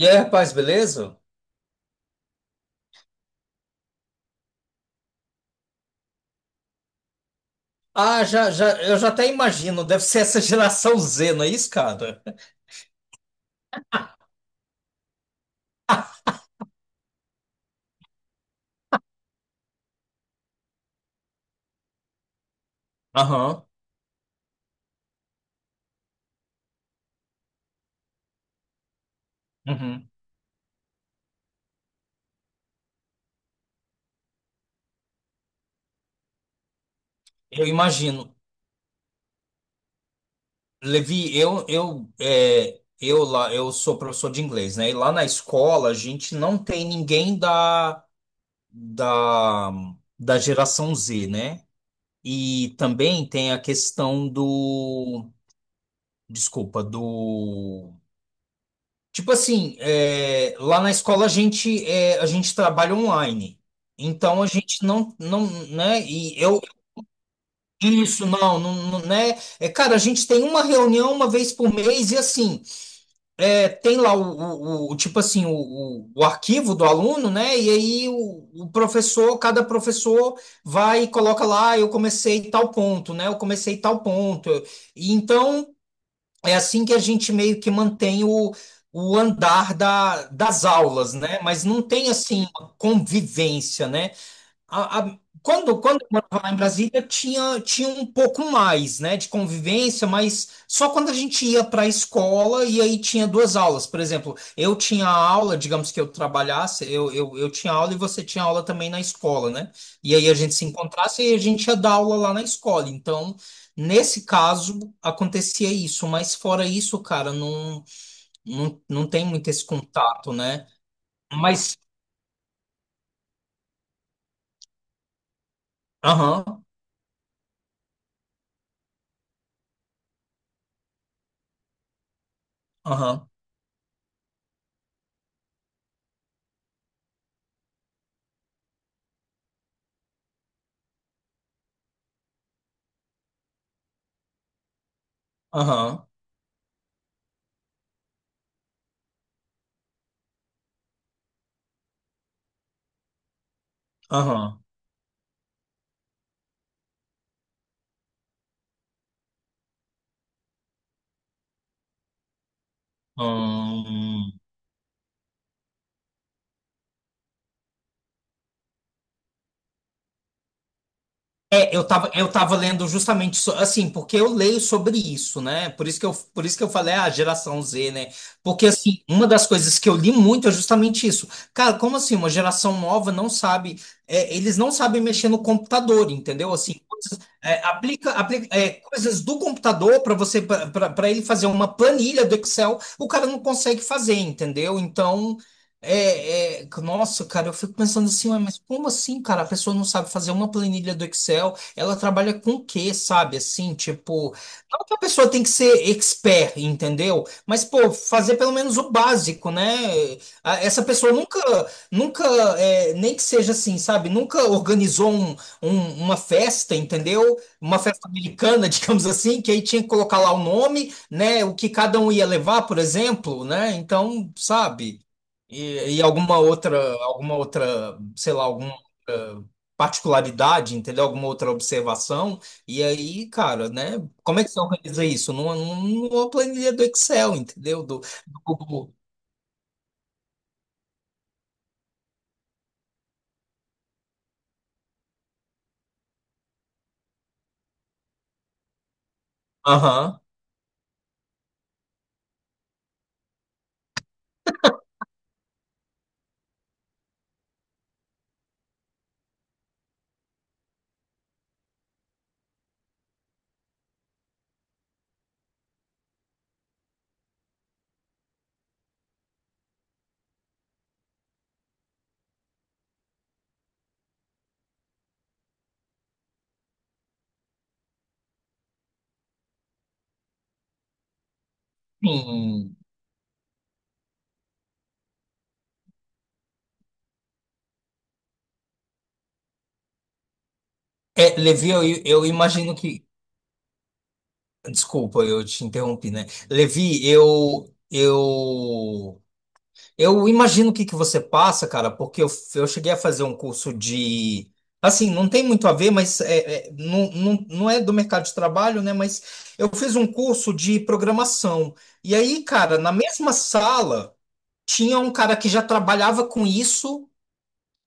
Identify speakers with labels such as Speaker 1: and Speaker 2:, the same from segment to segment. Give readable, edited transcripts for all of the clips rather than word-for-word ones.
Speaker 1: E aí, rapaz, beleza? Ah, já, já, eu já até imagino, deve ser essa geração Z, não é isso, cara? Aham. Uhum. Eu imagino. Levi, eu, é, eu lá, eu sou professor de inglês, né? E lá na escola a gente não tem ninguém da, da geração Z, né? E também tem a questão do, desculpa, do. Tipo assim, lá na escola a gente, a gente trabalha online. Então a gente não, né? E eu isso não, né? É, cara, a gente tem uma reunião uma vez por mês e assim, tem lá tipo assim o arquivo do aluno, né? E aí o professor, cada professor vai e coloca lá, "Ah, eu comecei tal ponto, né? Eu comecei tal ponto." E então é assim que a gente meio que mantém o andar das aulas, né? Mas não tem assim uma convivência, né? Quando eu morava lá em Brasília, tinha um pouco mais, né, de convivência, mas só quando a gente ia para a escola e aí tinha duas aulas. Por exemplo, eu tinha aula, digamos que eu trabalhasse, eu tinha aula e você tinha aula também na escola, né? E aí a gente se encontrasse e a gente ia dar aula lá na escola. Então, nesse caso, acontecia isso, mas fora isso, cara, não tem muito esse contato, né? Mas, aham, aham, aham, aham. Hum, É, eu tava lendo justamente assim, porque eu leio sobre isso, né? Por isso que eu falei a, geração Z, né? Porque assim, uma das coisas que eu li muito é justamente isso. Cara, como assim uma geração nova não sabe, eles não sabem mexer no computador, entendeu? Assim, coisas, é, aplica, aplica, é, coisas do computador para você para ele fazer uma planilha do Excel, o cara não consegue fazer, entendeu? Então, nossa, cara, eu fico pensando assim, "Ué, mas como assim, cara? A pessoa não sabe fazer uma planilha do Excel, ela trabalha com o quê, sabe?" Assim, tipo, não que a pessoa tem que ser expert, entendeu? Mas, pô, fazer pelo menos o básico, né? Essa pessoa nunca, nunca, nem que seja assim, sabe? Nunca organizou uma festa, entendeu? Uma festa americana, digamos assim, que aí tinha que colocar lá o nome, né? O que cada um ia levar, por exemplo, né? Então, sabe? E sei lá, alguma outra particularidade, entendeu? Alguma outra observação. E aí, cara, né? Como é que você organiza isso? Numa planilha do Excel, entendeu? Do Google. Aham. Sim. É, Levi, eu imagino que. Desculpa, eu te interrompi, né? Levi, Eu imagino o que que você passa, cara, porque eu cheguei a fazer um curso de. Assim, não tem muito a ver, mas não é do mercado de trabalho, né? Mas eu fiz um curso de programação. E aí, cara, na mesma sala, tinha um cara que já trabalhava com isso.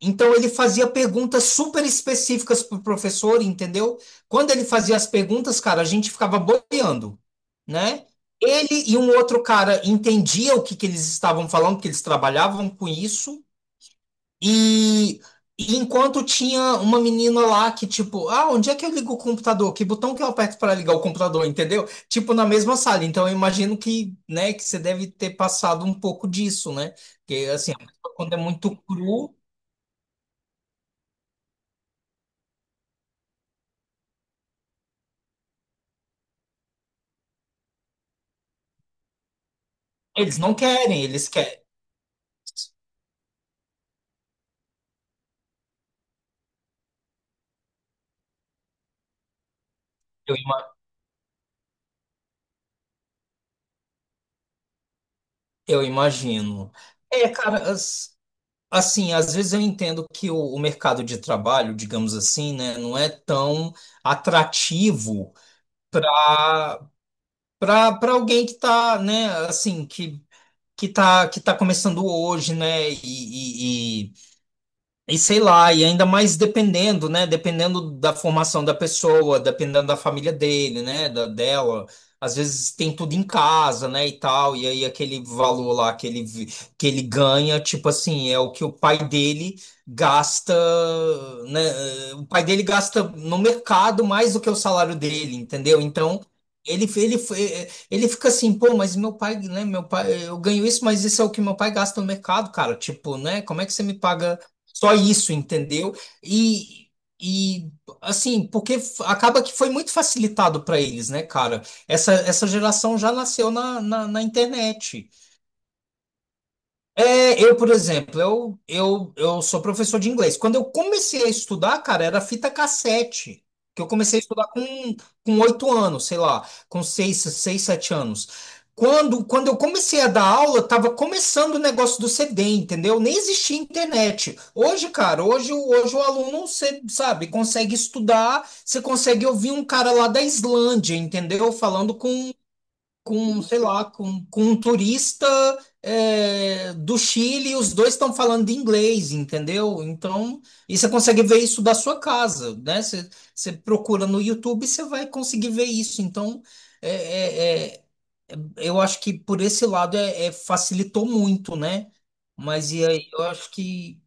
Speaker 1: Então ele fazia perguntas super específicas pro professor, entendeu? Quando ele fazia as perguntas, cara, a gente ficava boiando, né? Ele e um outro cara entendia o que que eles estavam falando, porque eles trabalhavam com isso. E, e enquanto tinha uma menina lá que tipo, ah, onde é que eu ligo o computador? Que botão que eu aperto para ligar o computador, entendeu? Tipo na mesma sala. Então eu imagino que, né, que você deve ter passado um pouco disso, né? Porque assim, quando é muito cru. Eles não querem, eles querem. Eu, ima- eu imagino. É, cara, assim, às vezes eu entendo que o mercado de trabalho, digamos assim, né, não é tão atrativo para para alguém que tá, né, assim, que tá começando hoje, né, e sei lá, e ainda mais dependendo, né? Dependendo da formação da pessoa, dependendo da família dele, né? Da dela. Às vezes tem tudo em casa, né? E tal. E aí aquele valor lá que ele ganha, tipo assim, é o que o pai dele gasta, né? O pai dele gasta no mercado mais do que o salário dele, entendeu? Então. Ele, ele, ele fica assim, pô, mas meu pai, né? Meu pai, eu ganho isso, mas isso é o que meu pai gasta no mercado, cara. Tipo, né? Como é que você me paga? Só isso, entendeu? E, e assim, porque acaba que foi muito facilitado para eles, né, cara? Essa geração já nasceu na internet. É, por exemplo, eu sou professor de inglês. Quando eu comecei a estudar, cara, era fita cassete. Que eu comecei a estudar com 8 anos, sei lá, com seis, 7 anos. Quando eu comecei a dar aula, tava começando o negócio do CD, entendeu? Nem existia internet. Hoje, cara, hoje, hoje o aluno, você sabe, consegue estudar, você consegue ouvir um cara lá da Islândia, entendeu? Falando sei lá, com um turista, do Chile, e os dois estão falando de inglês, entendeu? Então, e você consegue ver isso da sua casa, né? Você procura no YouTube, e você vai conseguir ver isso. Então, é, é- é- eu acho que por esse lado facilitou muito, né? Mas e aí, eu acho que.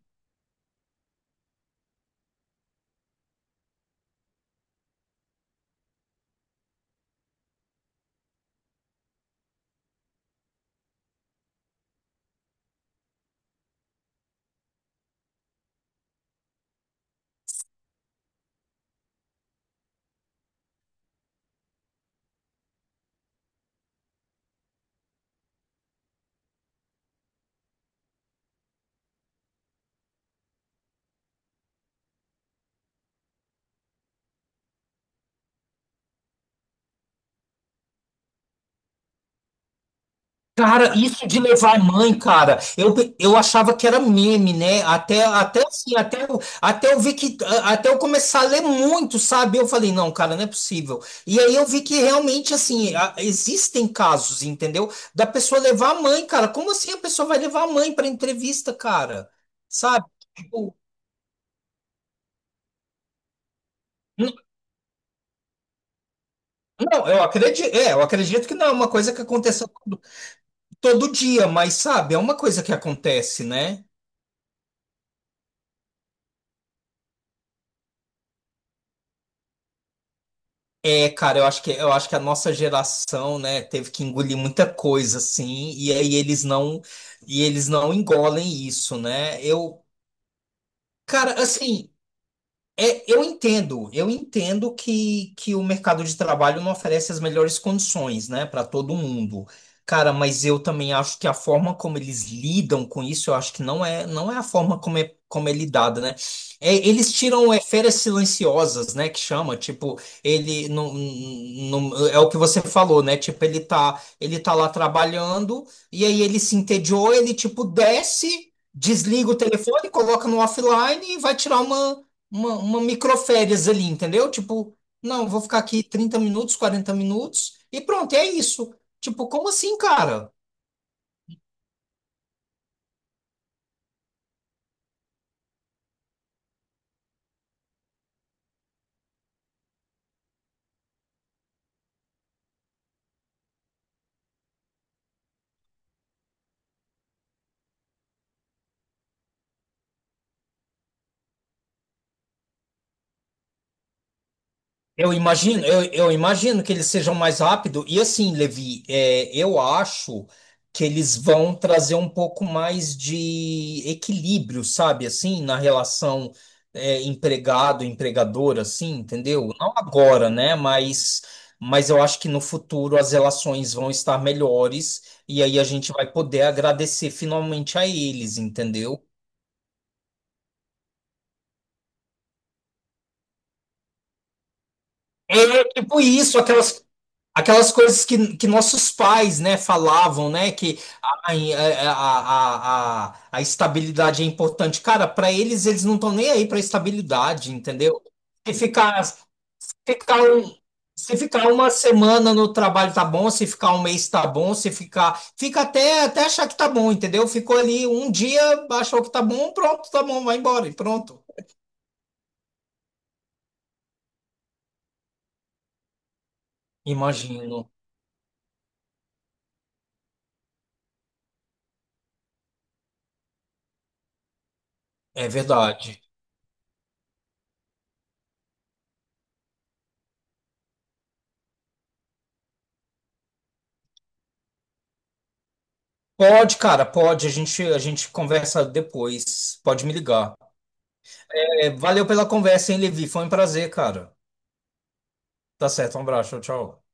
Speaker 1: Cara, isso de levar mãe, cara, eu achava que era meme, né? Até eu ver que, até eu começar a ler muito, sabe? Eu falei, não, cara, não é possível. E aí eu vi que realmente, assim, existem casos, entendeu? Da pessoa levar a mãe, cara. Como assim a pessoa vai levar a mãe para entrevista, cara? Sabe? Tipo, n- não, eu acredito que não é uma coisa que aconteceu todo dia, mas sabe, é uma coisa que acontece, né? É, cara, eu acho que a nossa geração, né, teve que engolir muita coisa, assim, e aí eles não engolem isso, né? Eu, cara, assim. É, eu entendo que o mercado de trabalho não oferece as melhores condições, né, para todo mundo. Cara, mas eu também acho que a forma como eles lidam com isso, eu acho que não é a forma como é lidada, né? É, eles tiram férias silenciosas, né, que chama, tipo, ele não, é o que você falou, né? Tipo, ele tá lá trabalhando e aí ele se entediou, ele tipo desce, desliga o telefone, coloca no offline e vai tirar uma uma microférias ali, entendeu? Tipo, não, vou ficar aqui 30 minutos, 40 minutos e pronto, é isso. Tipo, como assim, cara? Eu imagino, eu imagino que eles sejam mais rápido. E assim, Levi, eu acho que eles vão trazer um pouco mais de equilíbrio, sabe? Assim, na relação empregado-empregador, assim, entendeu? Não agora, né? Mas eu acho que no futuro as relações vão estar melhores e aí a gente vai poder agradecer finalmente a eles, entendeu? É tipo isso, aquelas coisas que nossos pais, né, falavam, né, que a estabilidade é importante. Cara, para eles, eles não estão nem aí para estabilidade, entendeu? Se ficar, ficar um, se ficar uma semana no trabalho tá bom, se ficar um mês tá bom, se ficar, fica até achar que tá bom, entendeu? Ficou ali um dia, achou que tá bom, pronto, tá bom, vai embora e pronto. Imagino, é verdade. Pode, cara, pode. A gente conversa depois. Pode me ligar. É, valeu pela conversa, hein, Levi? Foi um prazer, cara. Tá certo, um abraço, tchau. Tchau.